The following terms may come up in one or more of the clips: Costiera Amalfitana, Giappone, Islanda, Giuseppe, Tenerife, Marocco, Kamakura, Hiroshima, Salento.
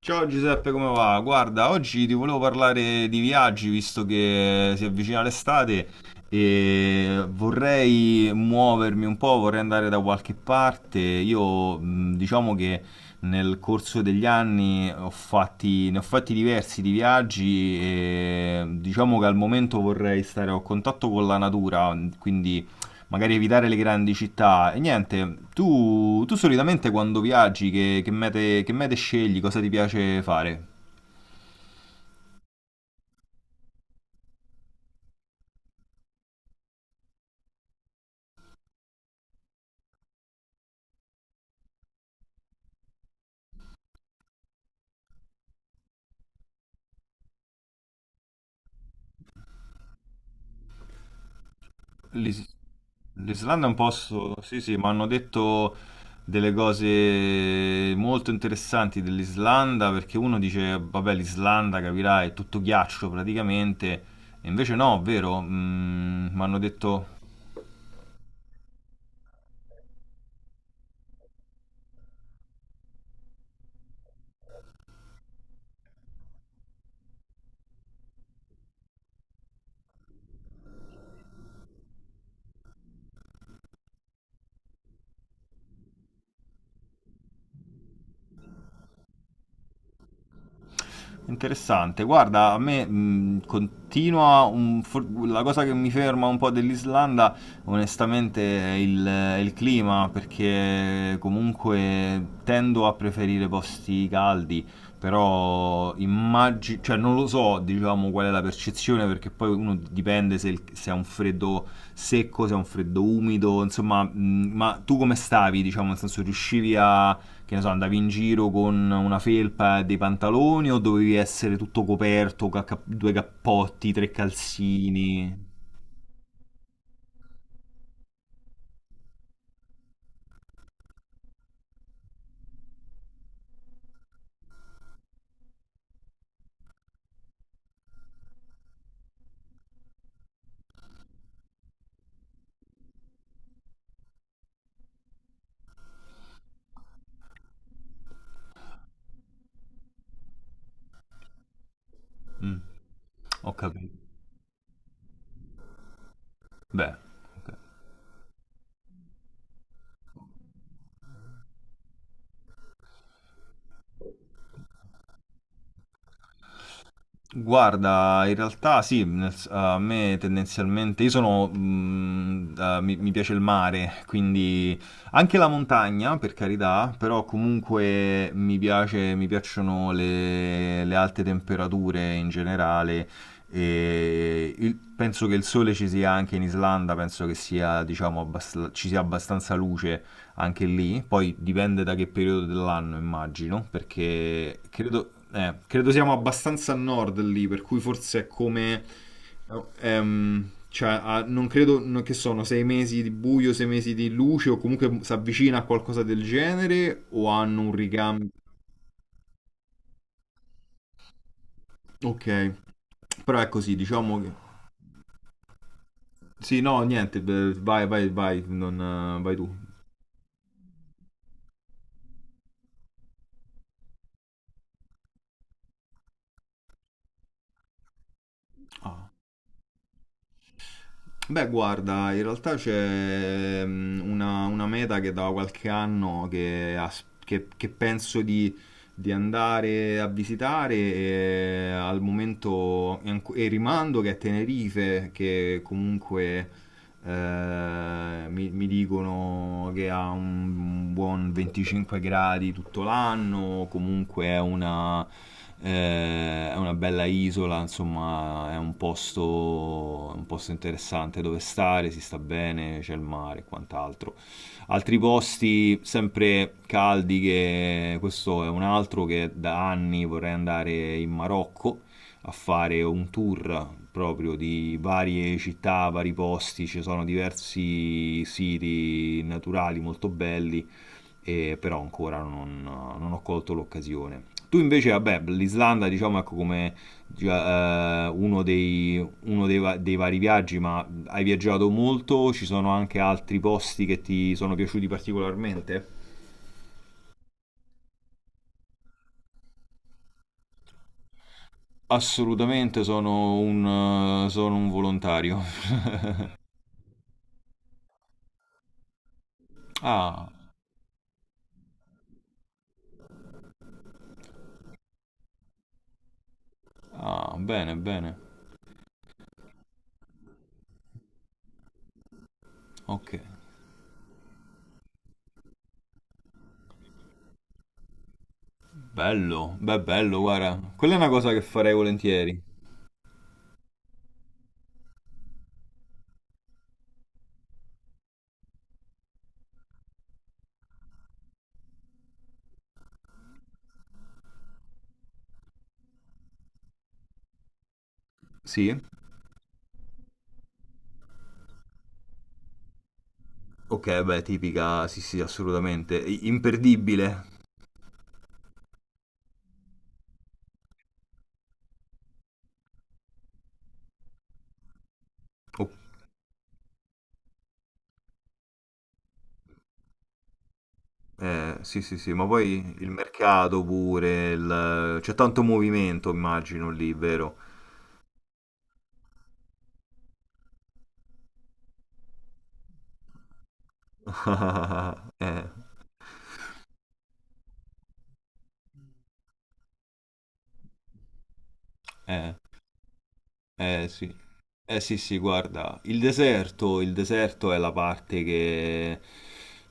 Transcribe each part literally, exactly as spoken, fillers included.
Ciao Giuseppe, come va? Guarda, oggi ti volevo parlare di viaggi visto che si avvicina l'estate e vorrei muovermi un po', vorrei andare da qualche parte. Io mh, diciamo che nel corso degli anni ho fatti, ne ho fatti diversi di viaggi e diciamo che al momento vorrei stare a contatto con la natura, quindi magari evitare le grandi città. E niente, tu, tu solitamente quando viaggi, che, che mete, che mete scegli, cosa ti piace fare? L'Is- L'Islanda è un posto, sì, sì, mi hanno detto delle cose molto interessanti dell'Islanda, perché uno dice, vabbè, l'Islanda, capirai, è tutto ghiaccio praticamente, e invece no, vero? Mm, mi hanno detto. Interessante, guarda, a me mh, continua un- for- la cosa che mi ferma un po' dell'Islanda, onestamente, è il, è il clima, perché comunque tendo a preferire posti caldi, però immagino, cioè non lo so, diciamo, qual è la percezione, perché poi uno dipende se, il- se è un freddo secco, se è un freddo umido, insomma, mh, ma tu come stavi, diciamo, nel senso riuscivi a che ne so, andavi in giro con una felpa e dei pantaloni o dovevi essere tutto coperto, ca- ca- due cappotti, tre calzini? Mm, ho capito. Beh, ok. Guarda, in realtà sì, nel s- a me tendenzialmente, io sono, mh, eh, mi, mi piace il mare, quindi anche la montagna, per carità, però comunque mi piace, mi piacciono le, le alte temperature in generale e il- penso che il sole ci sia anche in Islanda, penso che sia, diciamo, abbast- ci sia abbastanza luce anche lì, poi dipende da che periodo dell'anno immagino, perché credo, eh, credo siamo abbastanza a nord lì, per cui forse è come. eh, ehm, cioè, a- non credo no- che sono sei mesi di buio, sei mesi di luce, o comunque si avvicina a qualcosa del genere, o hanno un ricambio. Ok, però è così, diciamo che. Sì, no, niente, beh, vai, vai, vai, non, eh, vai tu. Beh, guarda, in realtà c'è mm, una, una meta che da qualche anno che, as- che- che penso di, di andare a visitare e al momento e anco- e rimando che è Tenerife, che comunque eh, mi, mi dicono che ha un buon 25 gradi tutto l'anno, comunque è una, eh, è una bella isola, insomma, è un posto, un posto interessante dove stare, si sta bene, c'è il mare e quant'altro. Altri posti sempre caldi, che questo è un altro che da anni vorrei andare in Marocco a fare un tour proprio di varie città, vari posti, ci sono diversi siti naturali molto belli, e però ancora non, non ho colto l'occasione. Tu invece, vabbè, l'Islanda diciamo ecco come già, eh, uno, dei, uno dei, va- dei vari viaggi, ma hai viaggiato molto, ci sono anche altri posti che ti sono piaciuti particolarmente? Assolutamente sono un, eh, sono un volontario. Ah. Ah, bene, bene. Ok. Bello. Beh, bello, guarda. Quella è una cosa che farei volentieri. Sì? Ok, beh, tipica, sì, sì, assolutamente. I- Imperdibile. Oh, eh, sì, sì, sì, ma poi il mercato pure, il- c'è tanto movimento, immagino lì, vero? Eh, eh, eh, sì. Eh sì, sì, guarda, il deserto, il deserto è la parte che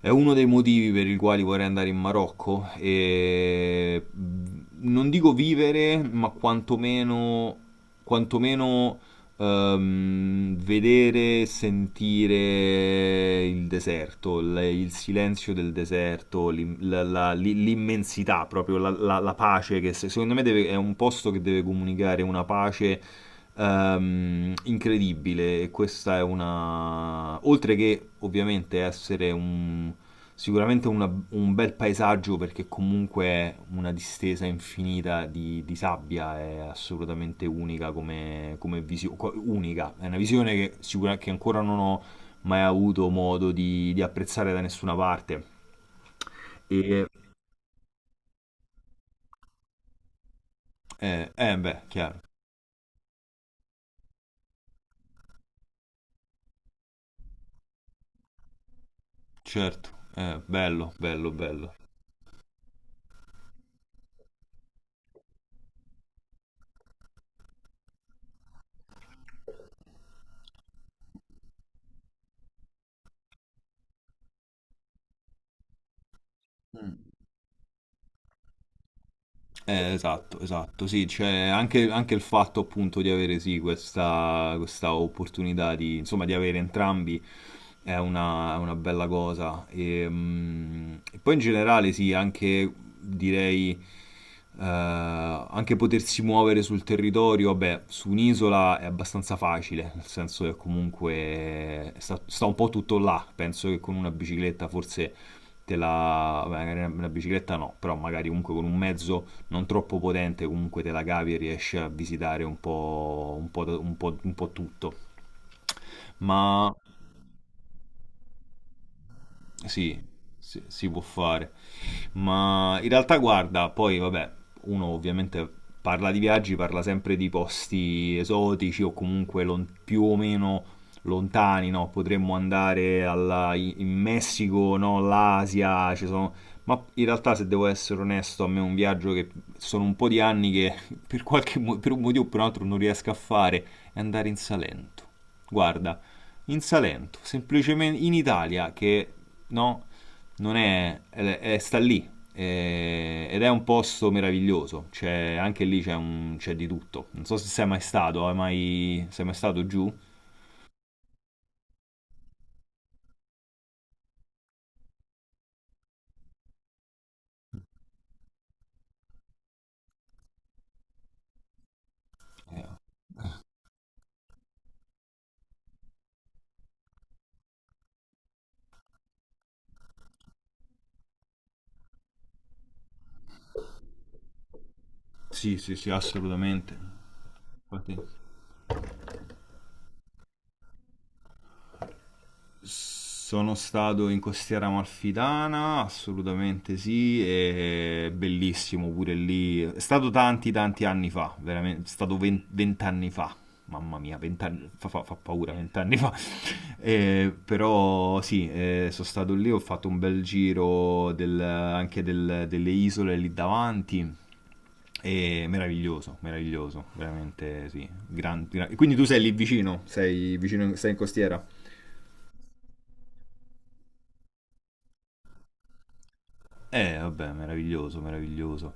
è uno dei motivi per i quali vorrei andare in Marocco e mh, non dico vivere, ma quantomeno, quantomeno Ehm, vedere, sentire il deserto, il, il silenzio del deserto, l'im- la- la- l'i- l'immensità, proprio la, la- la pace che se- secondo me deve- è un posto che deve comunicare una pace ehm, incredibile. E questa è una, oltre che ovviamente essere un. Sicuramente una- un bel paesaggio perché comunque una distesa infinita di, di sabbia è assolutamente unica come, come visione, unica, è una visione che, sicura- che ancora non ho mai avuto modo di, di apprezzare da nessuna parte. E eh, eh, beh, chiaro, certo, eh, bello, bello, bello. Eh, esatto, esatto, sì, cioè anche, anche il fatto appunto di avere sì questa, questa, opportunità di, insomma, di avere entrambi è una, è una bella cosa. E, mm, e poi in generale sì, anche direi eh, anche potersi muovere sul territorio, vabbè, su un'isola è abbastanza facile, nel senso che comunque sta, sta un po' tutto là, penso che con una bicicletta forse te la. Vabbè, magari una una bicicletta no, però magari comunque con un mezzo non troppo potente, comunque te la cavi e riesci a visitare un po', un po', da- un po', un po' tutto. Ma sì, si, si può fare. Ma in realtà, guarda, poi vabbè, uno ovviamente parla di viaggi, parla sempre di posti esotici o comunque lon- più o meno lontani, no? Potremmo andare alla- in Messico, no? L'Asia, ci sono. Ma in realtà, se devo essere onesto, a me è un viaggio che sono un po' di anni che per, qualche mo- per un motivo o per un altro non riesco a fare è andare in Salento. Guarda, in Salento, semplicemente in Italia, che no, non è, è- è- sta lì eh, ed è un posto meraviglioso. C'è, anche lì c'è, un- c'è di tutto. Non so se sei mai stato, hai mai, sei mai stato giù? Eh, Sì, sì, sì, assolutamente. Infatti- Sono stato in Costiera Amalfitana, assolutamente sì, e bellissimo pure lì. È stato tanti, tanti anni fa, veramente, è stato ven- vent'anni fa. Mamma mia, vent'anni fa, fa, fa paura, vent'anni fa. Eh, però sì, eh, sono stato lì, ho fatto un bel giro del- anche del- delle isole lì davanti. E meraviglioso, meraviglioso, veramente sì. Gran- gran- Quindi tu sei lì vicino, sei vicino, sei in costiera? Eh, vabbè, meraviglioso, meraviglioso.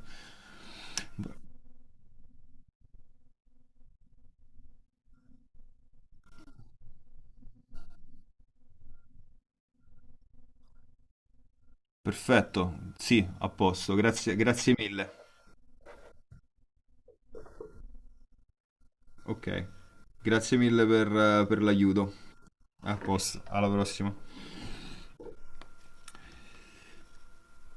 Perfetto, sì, a posto, grazie, grazie mille. Ok, grazie mille per, eh, per l'aiuto. A posto, alla prossima.